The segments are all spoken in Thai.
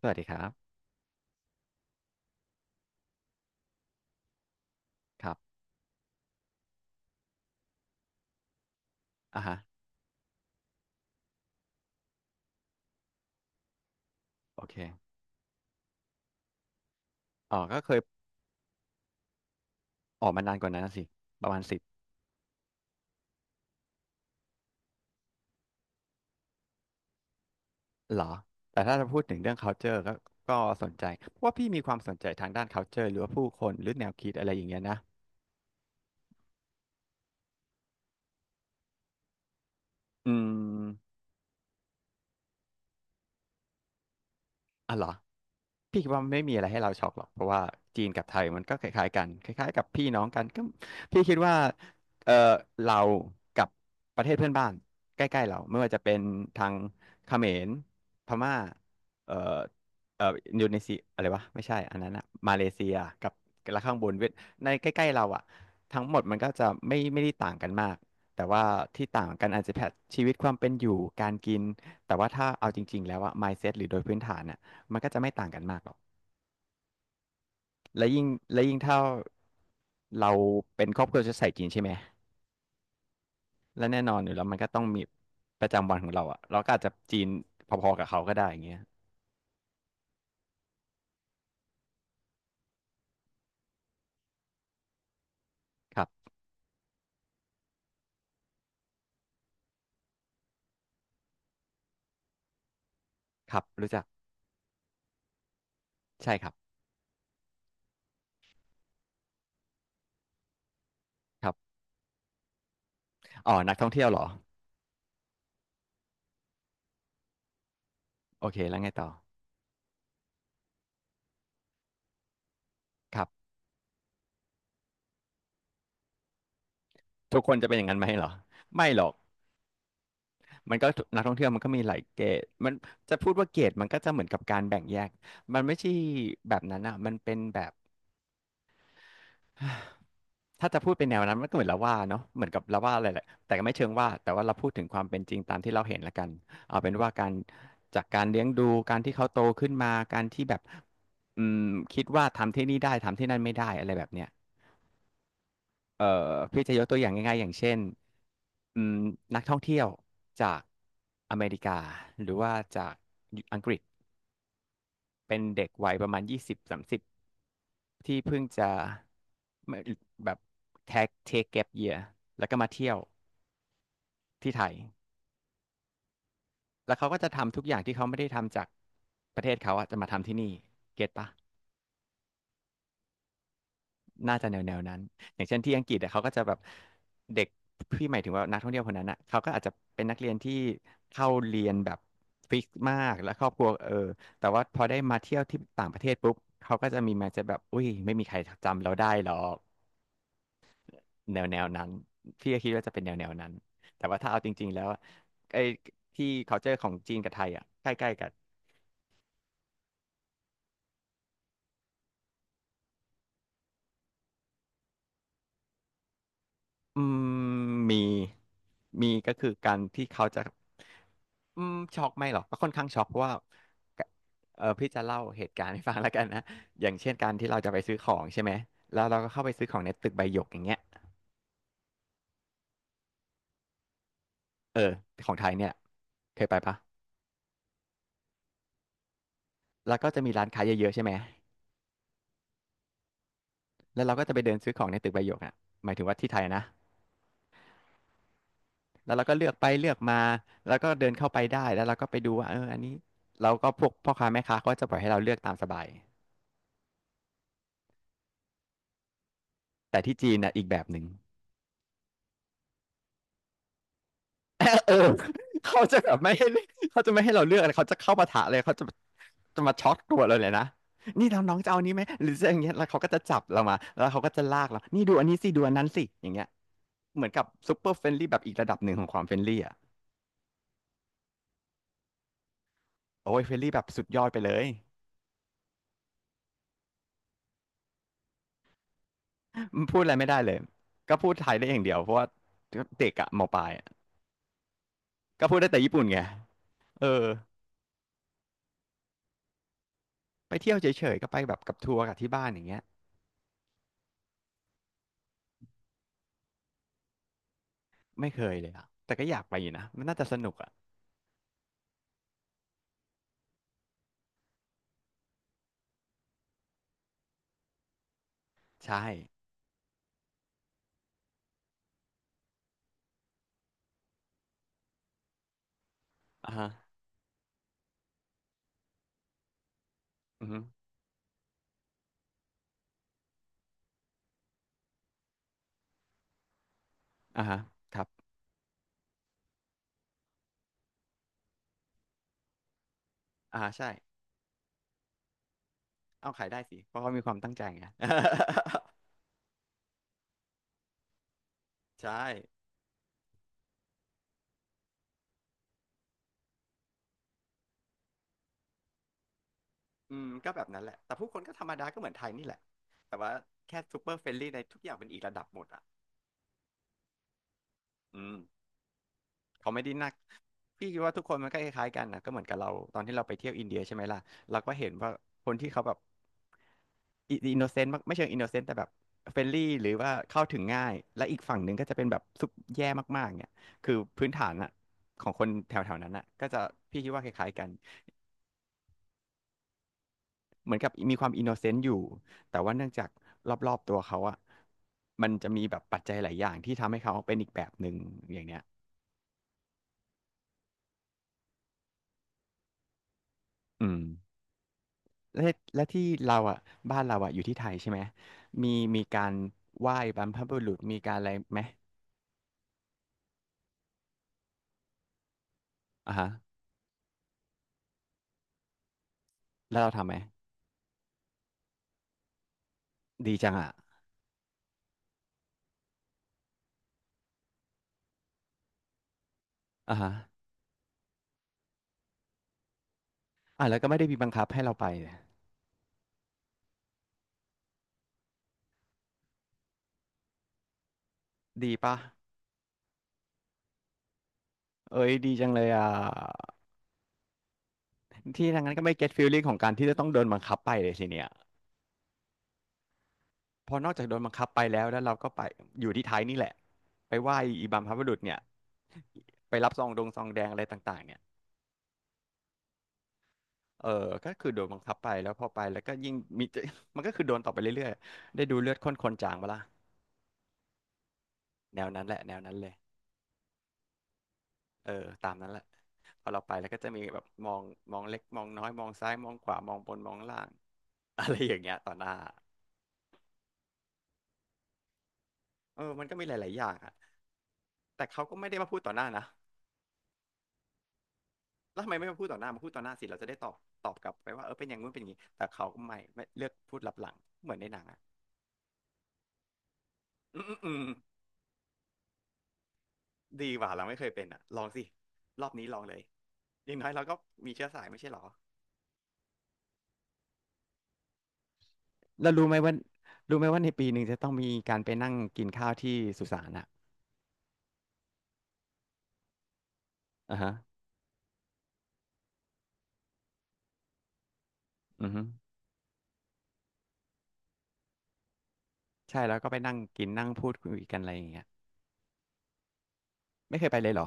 สวัสดีครับครับอ่าฮะ โอเคอ๋อก็เคยออกมานานกว่านั้นนะสิ ประมาณสิบเหรอ แต่ถ้าจะพูดถึงเรื่อง culture ก็ก็สนใจเพราะว่าพี่มีความสนใจทางด้าน culture หรือว่าผู้คนหรือแนวคิดอะไรอย่างเงี้ยนะอืม อ่ะเหรอพี่คิดว่าไม่มีอะไรให้เราช็อกหรอกเพราะว่าจีนกับไทยมันก็คล้ายๆกันคล้ายๆกับพี่น้องกันก็พี่คิดว่าเออเรากับประเทศเพื่อนบ้านใกล้ๆเราไม่ว่าจะเป็นทางเขมรพม่าเออเอออินโดนีเซียอะไรวะไม่ใช่อันนั้นอะมาเลเซียกับและข้างบนเวียดในใกล้ๆเราอะทั้งหมดมันก็จะไม่ได้ต่างกันมากแต่ว่าที่ต่างกันอาจจะแพทชีวิตความเป็นอยู่การกินแต่ว่าถ้าเอาจริงๆแล้วอะ mindset หรือโดยพื้นฐานอะ มันก็จะไม่ต่างกันมากหรอกและยิ่งและยิ่งถ้าเราเป็นครอบครัวเชื้อสายจีนใช่ไหมและแน่นอนอยู่แล้วมันก็ต้องมีประจำวันของเราอะเราก็อาจจะจีนพอๆกับเขาก็ได้อย่างเงี้ยครับครับรู้จักใช่ครับครับอ๋อนักท่องเที่ยวเหรอโอเคแล้วไงต่อครับทุกคนจะเป็นอย่างนั้นไหมเหรอไม่หรอกมันก็นักท่องเที่ยวมันก็มีหลายเกรดมันจะพูดว่าเกรดมันก็จะเหมือนกับการแบ่งแยกมันไม่ใช่แบบนั้นอ่ะมันเป็นแบบ ถ้าจะพูดเป็นแนวนั้นมันก็เหมือนละว่าเนาะเหมือนกับละว่าอะไรแหละแต่ก็ไม่เชิงว่าแต่ว่าเราพูดถึงความเป็นจริงตามที่เราเห็นละกันเอาเป็นว่าการจากการเลี้ยงดูการที่เขาโตขึ้นมาการที่แบบอืมคิดว่าทำที่นี่ได้ทำที่นั่นไม่ได้อะไรแบบเนี้ยเอ่อพี่จะยกตัวอย่างง่ายๆอย่างเช่นอืมนักท่องเที่ยวจากอเมริกาหรือว่าจากอังกฤษเป็นเด็กวัยประมาณ20-30 ที่เพิ่งจะไม่แบบแท็กเทคแกปเยียแล้วก็มาเที่ยวที่ไทยแล้วเขาก็จะทำทุกอย่างที่เขาไม่ได้ทำจากประเทศเขาอะจะมาทำที่นี่เก็ตปะน่าจะแนวนั้นอย่างเช่นที่อังกฤษอะเขาก็จะแบบเด็กพี่หมายถึงว่านักท่องเที่ยวคนนั้นอะเขาก็อาจจะเป็นนักเรียนที่เข้าเรียนแบบฟิกมากและครอบครัวเออแต่ว่าพอได้มาเที่ยวที่ต่างประเทศปุ๊บเขาก็จะมีมาจะแบบอุ้ยไม่มีใครจำเราได้หรอก แนวนั้นพี่ก็คิดว่าจะเป็นแนวนั้นแต่ว่าถ้าเอาจริงๆแล้วอะไอ้ที่ culture ของจีนกับไทยอ่ะใกล้ๆกันอืมมีมีก็คือการที่เขาจะอืมช็อกไหม่หรอกก็ค่อนข้างช็อกเพราะว่าเออพี่จะเล่าเหตุการณ์ให้ฟังแล้วกันนะอย่างเช่นการที่เราจะไปซื้อของใช่ไหมแล้วเราก็เข้าไปซื้อของในตึกใบหยกอย่างเงี้ยเออของไทยเนี่ยเคยไปปะแล้วก็จะมีร้านค้าเยอะๆใช่ไหมแล้วเราก็จะไปเดินซื้อของในตึกใบหยกอ่ะหมายถึงว่าที่ไทยนะ แล้วเราก็เลือกไปเลือกมาแล้วก็เดินเข้าไปได้แล้วเราก็ไปดูว่าเอออันนี้เราก็พวกพ่อค้าแม่ค้าเขาก็จะปล่อยให้เราเลือกตามสบายแต่ที่จีนน่ะอีกแบบหนึ่ง เออเขาจะแบบไม่ให้เขาจะไม่ให้เราเลือกอะไรเขาจะเข้าปะทะเลยเขาจะจะมาช็อตตัวเราเลยนะนี่เราน้องจะเอาอันนี้ไหมหรือจะอย่างเงี้ยแล้วเขาก็จะจับเรามาแล้วเขาก็จะลากเรานี่ดูอันนี้สิดูอันนั้นสิอย่างเงี้ยเหมือนกับซุปเปอร์เฟรนลี่แบบอีกระดับหนึ่งของความเฟรนลี่อ่ะโอ้ยเฟรนลี่แบบสุดยอดไปเลยพูดอะไรไม่ได้เลยก็พูดไทยได้อย่างเดียวเพราะว่าเด็กอะมปลายอะ ก็พูดได้แต่ญี่ปุ่นไง เออไปเที่ยวเฉยๆ ก็ไปแบบกับทัวร์กับที่บ้านอย่างเงี้ยไม่เคยเลยอ่ะแต่ก็อยากไปอยู่นะ มันน่าจะสนุกอ่ะใช่อ่าฮะอือฮึอ่าฮะครับอ่าใช่ เอาขายได้สิ เพราะเขามีความตั้งใจไง ใช่อืมก็แบบนั้นแหละแต่ผู้คนก็ธรรมดาก็เหมือนไทยนี่แหละ แต่ว่าแค่ซูเปอร์เฟรนลี่ในทุกอย่างเป็นอีกระดับหมดอ่ะอืม เขาไม่ได้นักพี่คิดว่าทุกคนมันก็คล้ายๆกันนะก็เหมือนกับเราตอนที่เราไปเที่ยวอินเดียใช่ไหมล่ะเราก็เห็นว่าคนที่เขาแบบอินโนเซนต์ไม่เชิงอินโนเซนต์แต่แบบเฟรนลี่หรือว่าเข้าถึงง่ายและอีกฝั่งหนึ่งก็จะเป็นแบบซุบแย่มากๆเนี่ยคือพื้นฐานอะของคนแถวๆนั้นอะก็จะพี่คิดว่าคล้ายๆกันเหมือนกับมีความอินโนเซนต์อยู่แต่ว่าเนื่องจากรอบๆตัวเขาอะมันจะมีแบบปัจจัยหลายอย่างที่ทำให้เขาเป็นอีกแบบหนึ่งอย่างเนี้ยอืม และที่เราอ่ะบ้านเราอ่ะอยู่ที่ไทยใช่ไหมมีมีการไหว้บรรพบุรุษมีการอะไรไหมอ่ะฮะแล้วเราทำไหมดีจังอ่ะอ่ะฮะอ่ะแล้วก็ไม่ได้มีบังคับให้เราไปดีปะเอ้ยดีจังเลยอ่ะที่ทางนั้นก็ไม่เก็ตฟีลลิ่งของการที่จะต้องโดนบังคับไปเลยสิเนี่ยพอนอกจากโดนบังคับไปแล้วแล้วเราก็ไปอยู่ที่ไทยนี่แหละไปไหว้อีบัมพบุรุษเนี่ยไปรับซองดงซองแดงอะไรต่างๆเนี่ย เออก็คือโดนบังคับไปแล้วพอไปแล้วก็ยิ่งมี มันก็คือโดนต่อไปเรื่อยๆได้ดูเลือดข้นคนจางมาล่ะแนวนั้นแหละแนวนั้นเลยเออตามนั้นแหละ พอเราไปแล้วก็จะมีแบบมองมองเล็ก มองน้อยมองซ้ายมองขวามองบนมองล่าง อะไรอย่างเงี้ยต่อหน้าเออมันก็มีหลายๆอย่างอะแต่เขาก็ไม่ได้มาพูดต่อหน้านะแล้วทำไมไม่มาพูดต่อหน้ามาพูดต่อหน้าสิเราจะได้ตอบตอบกลับไปว่าเออเป็นอย่างงู้นเป็นอย่างงี้แต่เขาก็ไม่เลือกพูดลับหลังเหมือนในหนังอะอืม ดีกว่าเราไม่เคยเป็นอ่ะลองสิรอบนี้ลองเลยอย่างน้อยเราก็มีเชื้อสายไม่ใช่หรอแล้วรู้ไหมว่าในปีหนึ่งจะต้องมีการไปนั่งกินข้าวที่สุสานอ่ะอ่าฮะอือฮึใช่แล้วก็ไปนั่งกินนั่งพูดคุยกันอะไรอย่างเงี้ยไม่เคยไปเลยเหรอ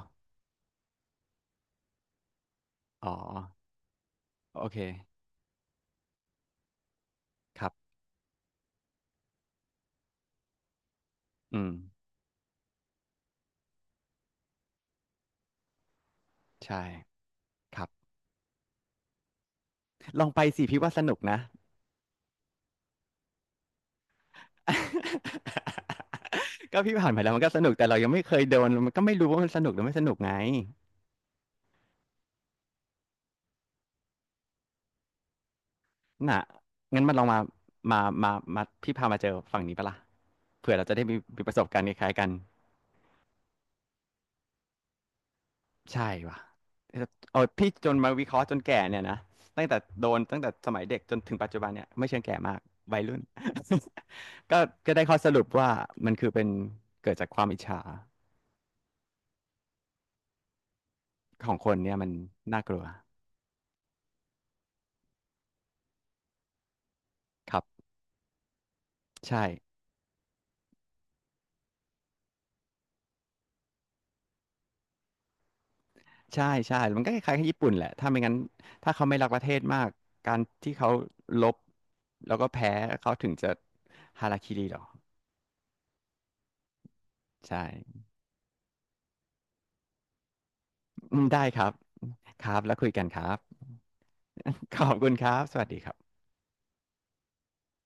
อ๋อโอเคครับอืมใช่ครับลองไปสิพี่ว่าสนุกนะ ก็พี่ผ่านมาแล้วมันก็สนุกแต่เรายังไม่เคยโดนมันก็ไม่รู้ว่ามันสนุกหรือไม่สนุกไง น่ะงั้นมันลองมามามาพี่พามาเจอฝั่งนี้ปะล่ะเผื่อเราจะได้มีประสบการณ์คล้ายๆกันใช่ว่ะเอาพี่จนมาวิเคราะห์จนแก่เนี่ยนะตั้งแต่โดนตั้งแต่สมัยเด็กจนถึงปัจจุบันเนี่ยไม่เชิงแก่มากวัยรุ่น ก็ก็ได้ข้อสรุปว่ามันคือเป็นเกิดจากความอิจฉาของคนเนี่ยมันน่ากลัวครับใช่ ใช่ มันก็คล้ายๆกับญี่ปุ่นแหละ ถ้าไม่งั้นถ้าเขาไม่รักประเทศมาก การที่เขาลบแล้วก็แพ้เขาถึงจะฮาราคิริหรอ ใช่อืมได้ครับ ครับ แล้วคุยกันครับ ขอบคุณครับ สวัสดีครับ